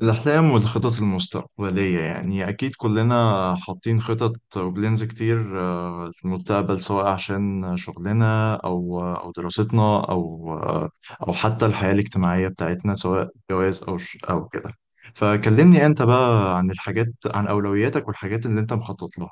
الأحلام والخطط المستقبلية يعني أكيد كلنا حاطين خطط وبلينز كتير، في المستقبل، سواء عشان شغلنا أو دراستنا أو أو حتى الحياة الاجتماعية بتاعتنا، سواء جواز أو كده. فكلمني أنت بقى عن الحاجات، عن أولوياتك والحاجات اللي أنت مخطط لها.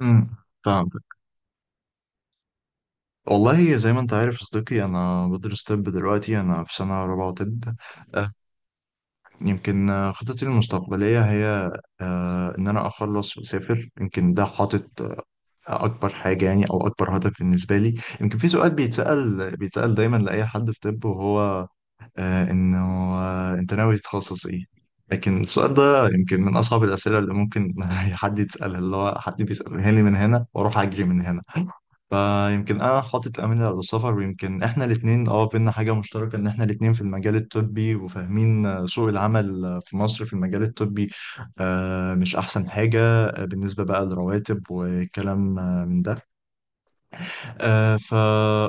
امم. فاهم. والله زي ما أنت عارف يا صديقي، أنا بدرس طب دلوقتي، أنا في سنة رابعة طب. يمكن خطتي المستقبلية هي إن أنا أخلص وأسافر. يمكن ده حاطط أكبر حاجة يعني، أو أكبر هدف بالنسبة لي. يمكن في سؤال بيتسأل دايما لأي حد في طب، وهو انه انت ناوي تتخصص ايه؟ لكن السؤال ده يمكن من اصعب الاسئله اللي ممكن حد يتسالها، اللي هو حد بيسالها لي من هنا واروح اجري من هنا. فيمكن انا حاطط امل على السفر، ويمكن احنا الاثنين بينا حاجه مشتركه ان احنا الاثنين في المجال الطبي، وفاهمين سوق العمل في مصر في المجال الطبي مش احسن حاجه بالنسبه بقى للرواتب وكلام من ده، آه، ف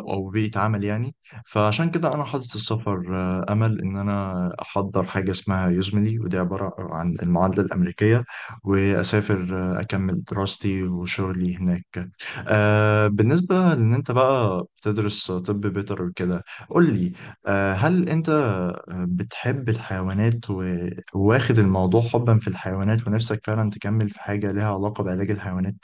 او بيئه عمل يعني. فعشان كده انا حاطط السفر امل ان انا احضر حاجه اسمها يوزملي، ودي عباره عن المعادله الامريكيه، واسافر اكمل دراستي وشغلي هناك. بالنسبه لان انت بقى بتدرس طب بيطري وكده، قول لي، هل انت بتحب الحيوانات وواخد الموضوع حبا في الحيوانات، ونفسك فعلا تكمل في حاجه لها علاقه بعلاج الحيوانات؟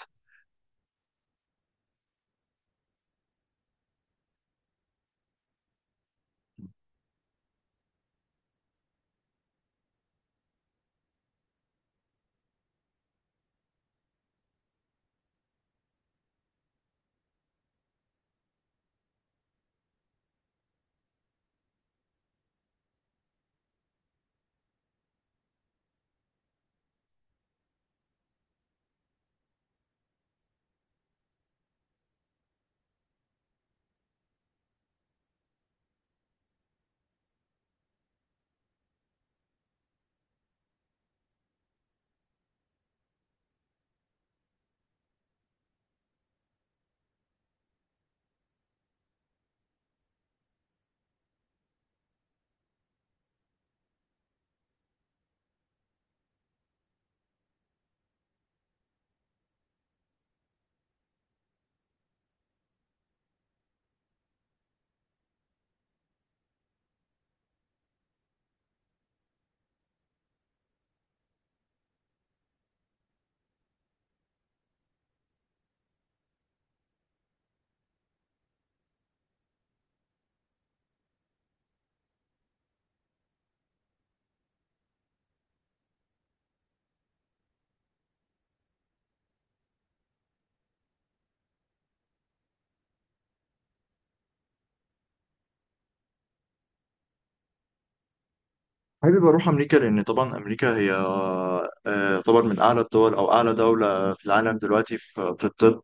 حابب اروح امريكا، لان طبعا امريكا هي تعتبر من اعلى الدول او اعلى دوله في العالم دلوقتي في الطب.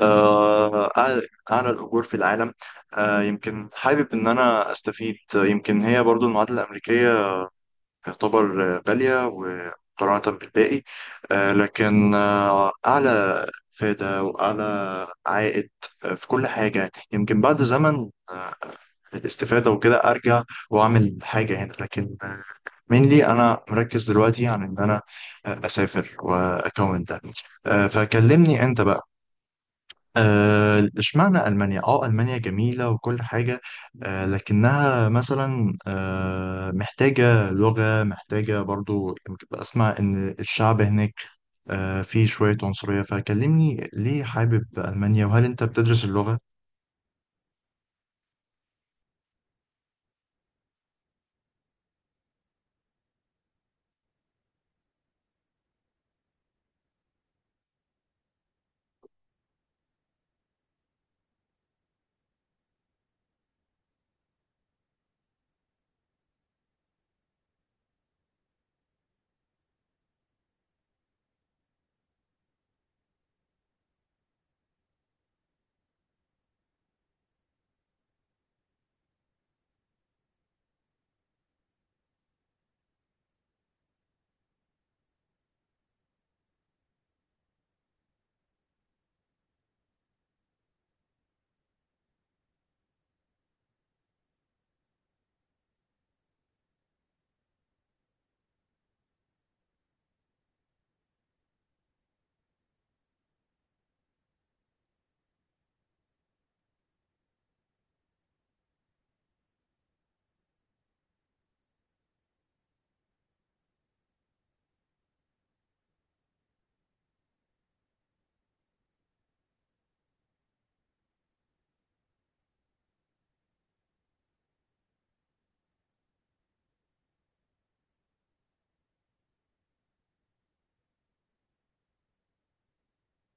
أعلى أعلى الاجور في العالم. يمكن حابب ان انا استفيد. يمكن هي برضو المعادله الامريكيه تعتبر غاليه ومقارنه بالباقي، لكن اعلى افاده واعلى عائد في كل حاجه. يمكن بعد زمن الاستفاده وكده ارجع واعمل حاجه هنا، لكن مينلي انا مركز دلوقتي عن ان انا اسافر واكون ده. فكلمني انت بقى اشمعنى المانيا. اه المانيا جميله وكل حاجه، لكنها مثلا محتاجه لغه، محتاجه برضو. يمكن اسمع ان الشعب هناك فيه شويه عنصريه. فكلمني ليه حابب المانيا، وهل انت بتدرس اللغه؟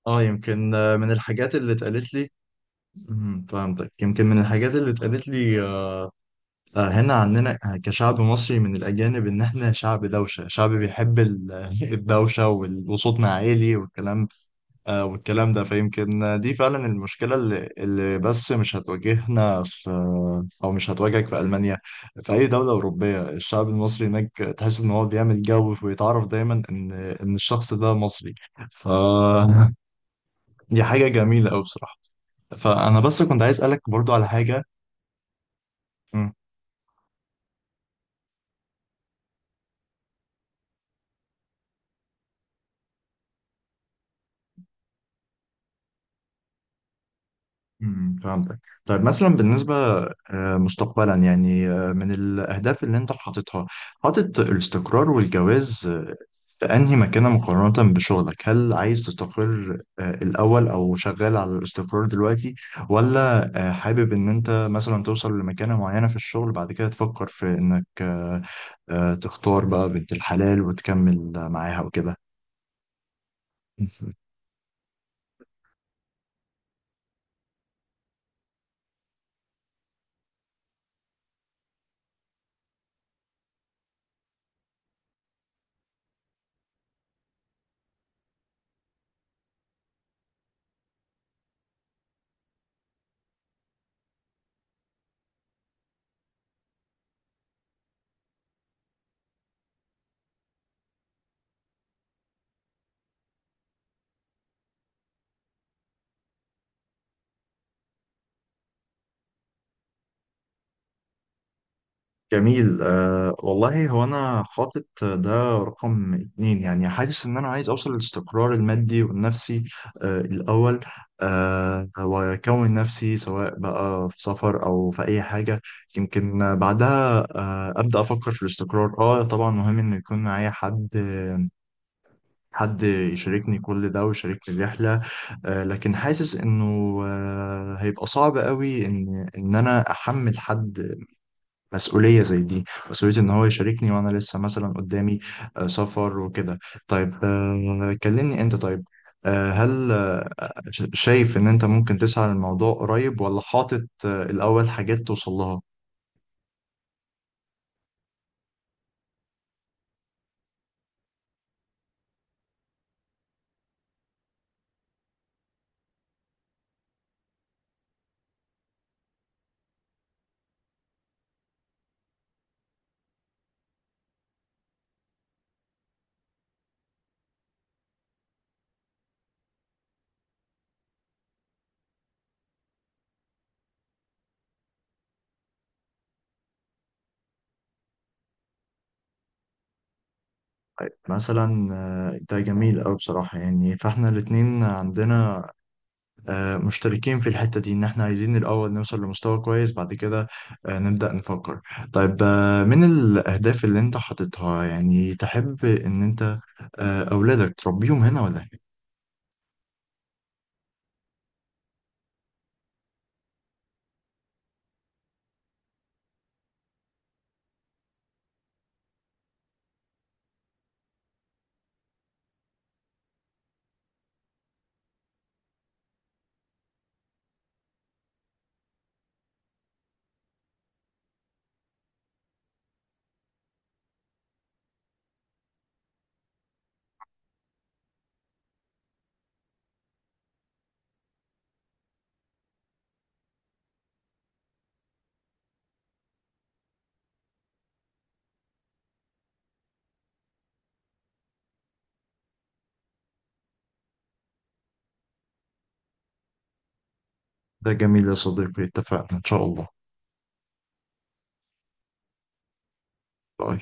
اه يمكن من الحاجات اللي اتقالت لي. مهم، فهمتك. يمكن من الحاجات اللي اتقالت لي هنا عندنا كشعب مصري من الأجانب، إن إحنا شعب دوشة، شعب بيحب الدوشة وصوتنا عالي والكلام، والكلام ده. فيمكن دي فعلا المشكلة اللي بس مش هتواجهنا في، أو مش هتواجهك في ألمانيا، في أي دولة أوروبية. الشعب المصري هناك تحس إن هو بيعمل جو، ويتعرف دايما إن الشخص ده مصري. ف دي حاجة جميلة أوي بصراحة. فأنا بس كنت عايز أسألك برضو على حاجة. امم. فهمتك. طيب مثلا، بالنسبة مستقبلا يعني، من الأهداف اللي أنت حاططها، حاطط الاستقرار والجواز في أنهي مكانة مقارنة بشغلك؟ هل عايز تستقر الأول، أو شغال على الاستقرار دلوقتي، ولا حابب إن أنت مثلا توصل لمكانة معينة في الشغل بعد كده تفكر في إنك تختار بقى بنت الحلال وتكمل معاها وكده؟ جميل. والله هو أنا حاطط ده رقم اتنين يعني. حاسس إن أنا عايز أوصل للاستقرار المادي والنفسي الأول. وأكون نفسي سواء بقى في سفر أو في أي حاجة. يمكن بعدها أبدأ أفكر في الاستقرار. طبعا مهم إنه يكون معايا حد، حد يشاركني كل ده ويشاركني الرحلة. لكن حاسس إنه هيبقى صعب قوي إن أنا أحمل حد مسؤولية زي دي، مسؤولية إن هو يشاركني وأنا لسه مثلا قدامي سفر وكده. طيب كلمني أنت. طيب هل شايف إن أنت ممكن تسعى للموضوع قريب، ولا حاطط الأول حاجات توصل لها؟ مثلا ده جميل أوي بصراحة يعني. فإحنا الاتنين عندنا مشتركين في الحتة دي، ان احنا عايزين الاول نوصل لمستوى كويس، بعد كده نبدأ نفكر. طيب من الاهداف اللي انت حاططها، يعني تحب ان انت اولادك تربيهم هنا ولا هنا؟ ده جميل يا صديقي، اتفقنا ان شاء الله. باي.